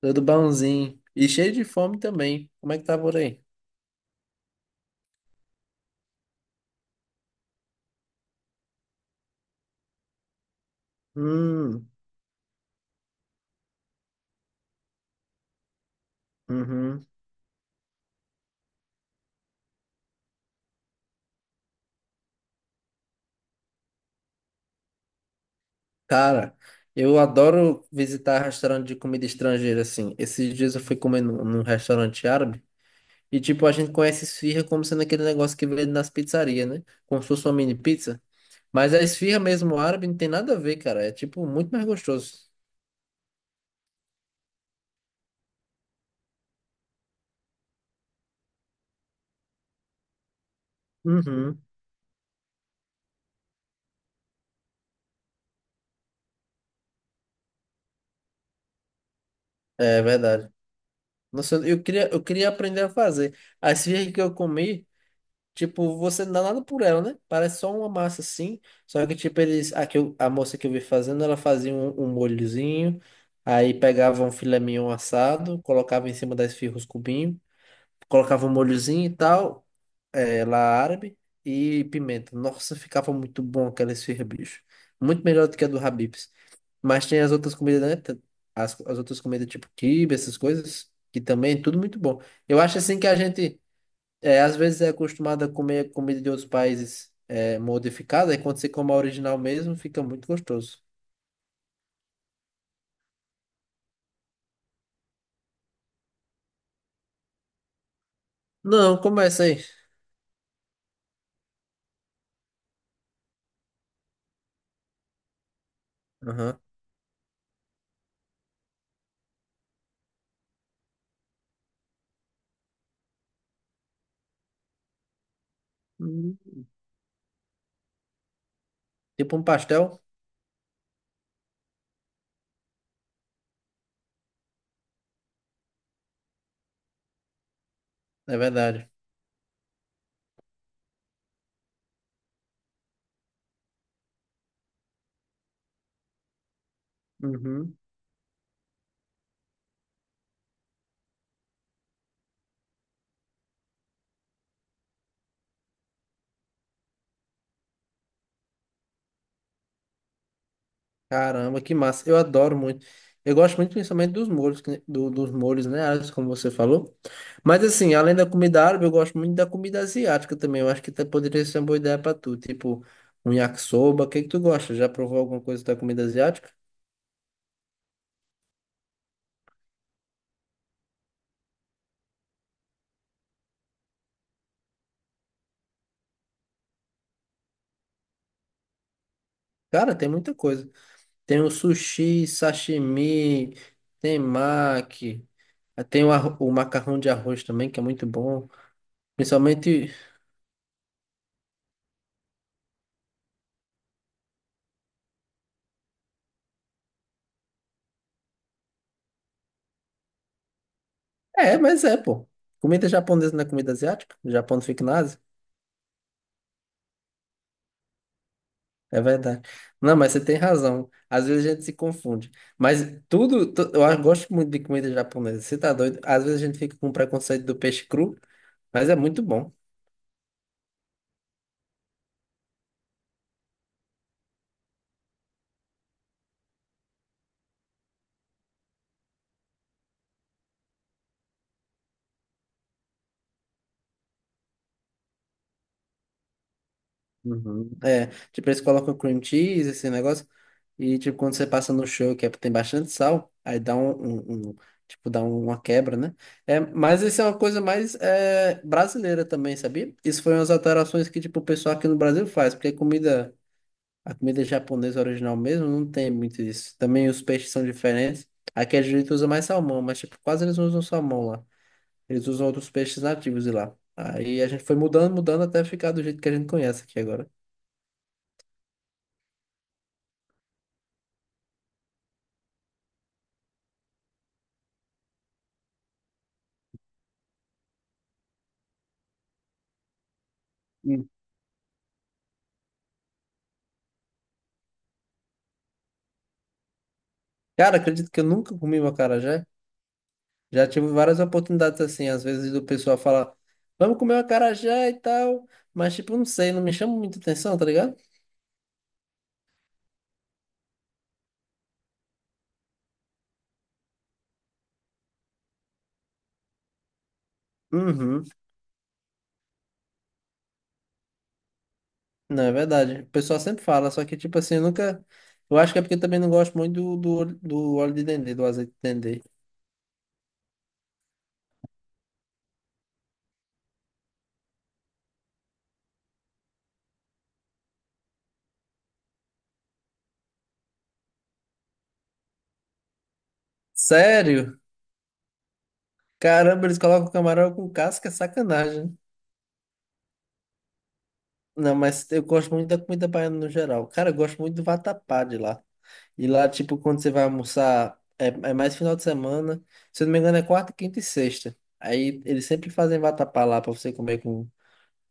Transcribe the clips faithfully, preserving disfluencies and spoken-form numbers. Tudo bonzinho. E cheio de fome também. Como é que tá por aí? Hum, uhum. Cara, eu adoro visitar restaurante de comida estrangeira, assim. Esses dias eu fui comer num, num restaurante árabe. E, tipo, a gente conhece esfirra como sendo aquele negócio que vende nas pizzarias, né? Como se fosse uma mini pizza. Mas a esfirra mesmo árabe não tem nada a ver, cara. É, tipo, muito mais gostoso. Uhum. É verdade. Nossa, eu queria, eu queria aprender a fazer. A esfirra que eu comi. Tipo, você não dá nada por ela, né? Parece só uma massa assim. Só que, tipo, eles. A, que eu- a moça que eu vi fazendo, ela fazia um, um molhozinho. Aí pegava um filé mignon assado, colocava em cima da esfirra os cubinhos, colocava um molhozinho e tal, é, lá árabe, e pimenta. Nossa, ficava muito bom aquela esfirra, bicho. Muito melhor do que a do Habib's. Mas tem as outras comidas, né? Tem As, as outras comidas, tipo quibe, essas coisas, que também é tudo muito bom. Eu acho assim que a gente. É, às vezes é acostumado a comer comida de outros países é, modificada, e quando você come a original mesmo, fica muito gostoso. Não, começa aí. Aham. Hum. Tipo um pastel, é verdade. Uhum. Caramba, que massa. Eu adoro muito. Eu gosto muito principalmente dos molhos, que- do- dos molhos, né, Alex, como você falou. Mas assim, além da comida árabe, eu gosto muito da comida asiática também. Eu acho que até poderia ser uma boa ideia pra tu. Tipo, um yakisoba. O que que tu gosta? Já provou alguma coisa da comida asiática? Cara, tem muita coisa. Tem o sushi, sashimi, tem maqui, tem o, arro- o macarrão de arroz também, que é muito bom. Principalmente. É, mas é, pô. Comida japonesa não é comida asiática? O Japão não fica na Ásia? É verdade. Não, mas você tem razão. Às vezes a gente se confunde. Mas tudo. tu- Eu gosto muito de comida japonesa. Você tá doido? Às vezes a gente fica com preconceito do peixe cru, mas é muito bom. Uhum. É, tipo, eles colocam cream cheese, esse negócio, e tipo, quando você passa no show, que é, tem bastante sal, aí dá um, um- um- tipo, dá uma quebra, né? É, mas isso é uma coisa mais é, brasileira também, sabia? Isso foi umas alterações que, tipo, o pessoal aqui no Brasil faz, porque comida, a comida japonesa original mesmo não tem muito isso. Também os peixes são diferentes. Aqui a gente usa mais salmão, mas, tipo, quase eles não usam salmão lá. Eles usam outros peixes nativos de lá. Aí a gente foi mudando, mudando até ficar do jeito que a gente conhece aqui agora. Cara, acredito que eu nunca comi um acarajé. Já tive várias oportunidades assim, às vezes do pessoal falar, vamos comer um acarajé e tal, mas tipo, não sei, não me chama muita atenção, tá ligado? Uhum, não, é verdade. O pessoal sempre fala, só que tipo assim, eu nunca. Eu acho que é porque eu também não gosto muito do, do, óleo- do óleo de dendê, do azeite de dendê. Sério? Caramba, eles colocam camarão com casca, é sacanagem. Não, mas eu gosto muito da comida baiana no geral. Cara, eu gosto muito do vatapá de lá. E lá, tipo, quando você vai almoçar, é, é mais final de semana. Se eu não me engano, é quarta, quinta e sexta. Aí eles sempre fazem vatapá lá pra você comer com,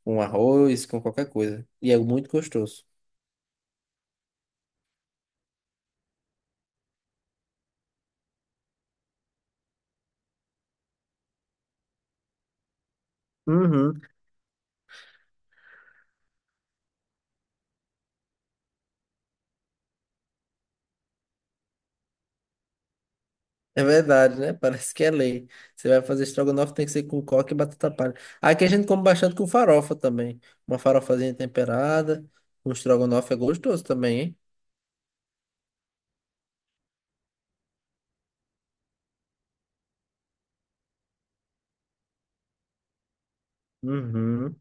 com arroz, com qualquer coisa. E é muito gostoso. Uhum, é verdade, né? Parece que é lei. Você vai fazer estrogonofe, tem que ser com coque e batata palha. Aqui a gente come bastante com farofa também. Uma farofazinha temperada. Um estrogonofe é gostoso também, hein? Uhum.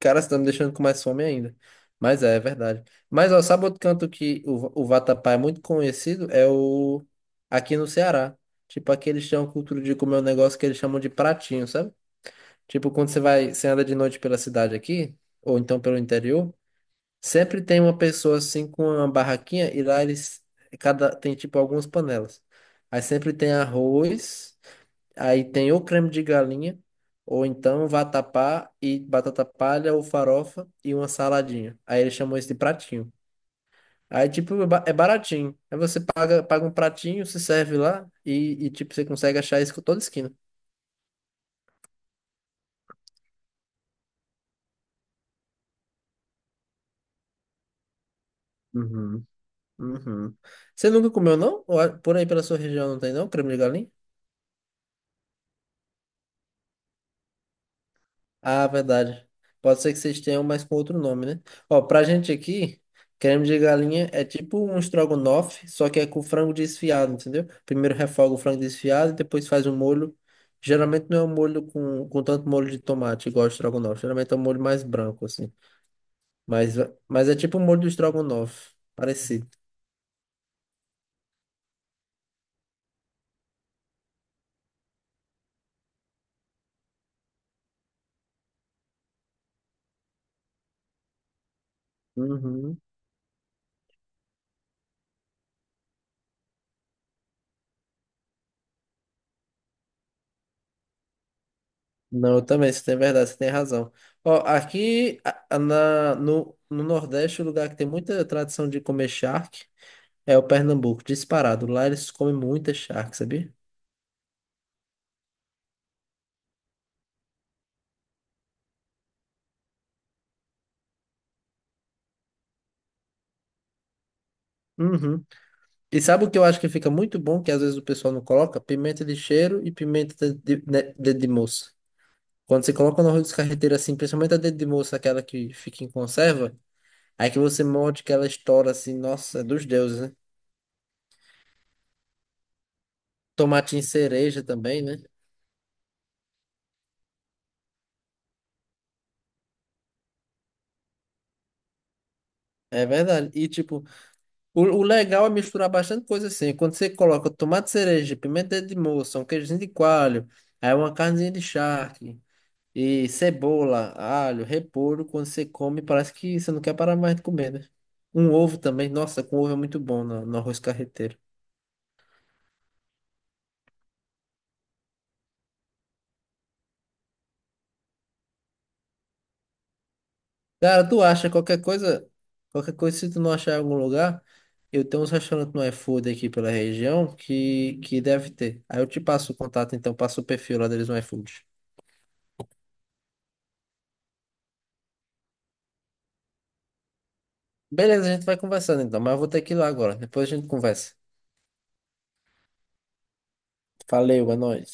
Cara, você tá me deixando com mais fome ainda. Mas é, é verdade. Mas, ó, sabe outro canto que o, o vatapá é muito conhecido? É o... Aqui no Ceará. Tipo, aqui eles têm uma cultura de comer um negócio que eles chamam de pratinho, sabe? Tipo, quando você vai, você anda de noite pela cidade aqui, ou então pelo interior, sempre tem uma pessoa, assim, com uma barraquinha e lá eles... Cada... Tem, tipo, algumas panelas. Aí sempre tem arroz... Aí tem ou creme de galinha, ou então vatapá e batata palha ou farofa e uma saladinha. Aí ele chamou isso de pratinho. Aí, tipo, é ba- é baratinho. Aí você paga, paga um pratinho, se serve lá e, e, tipo, você consegue achar isso com toda esquina. Uhum, uhum. Você nunca comeu, não? Ou é- Por aí pela sua região não tem, não? Creme de galinha? Ah, verdade. Pode ser que vocês tenham, mas com outro nome, né? Ó, pra gente aqui, creme de galinha é tipo um estrogonofe, só que é com frango desfiado, entendeu? Primeiro refoga o frango desfiado e depois faz o molho. Geralmente não é um molho com, com tanto molho de tomate, igual o estrogonofe. Geralmente é um molho mais branco, assim. Mas, mas é tipo o molho do estrogonofe, parecido. Uhum. Não, eu também, você tem verdade, você tem razão. Ó, aqui a- a- na, no, no Nordeste, o lugar que tem muita tradição de comer charque. É o Pernambuco, disparado. Lá eles comem muita charque, sabia? Uhum. E sabe o que eu acho que fica muito bom, que às vezes o pessoal não coloca? Pimenta de cheiro e pimenta de, de, né, dedo de moça. Quando você coloca no arroz de carreteiro assim, principalmente a dedo de moça, aquela que fica em conserva, aí que você morde que ela estoura assim, nossa, é dos deuses, né? Tomatinho cereja também, né? É verdade. E tipo, o, o legal é misturar bastante coisa assim. Quando você coloca tomate cereja, pimenta de moça, um queijinho de coalho, aí uma carnezinha de charque. E cebola, alho, repolho, quando você come, parece que você não quer parar mais de comer, né? Um ovo também, nossa, com ovo é muito bom no, no arroz carreteiro. Cara, tu acha qualquer coisa, qualquer coisa, se tu não achar em algum lugar, eu tenho uns restaurantes no iFood aqui pela região que, que deve ter. Aí eu te passo o contato, então, passo o perfil lá deles no iFood. Beleza, a gente vai conversando então, mas eu vou ter que ir lá agora. Depois a gente conversa. Valeu, é nóis.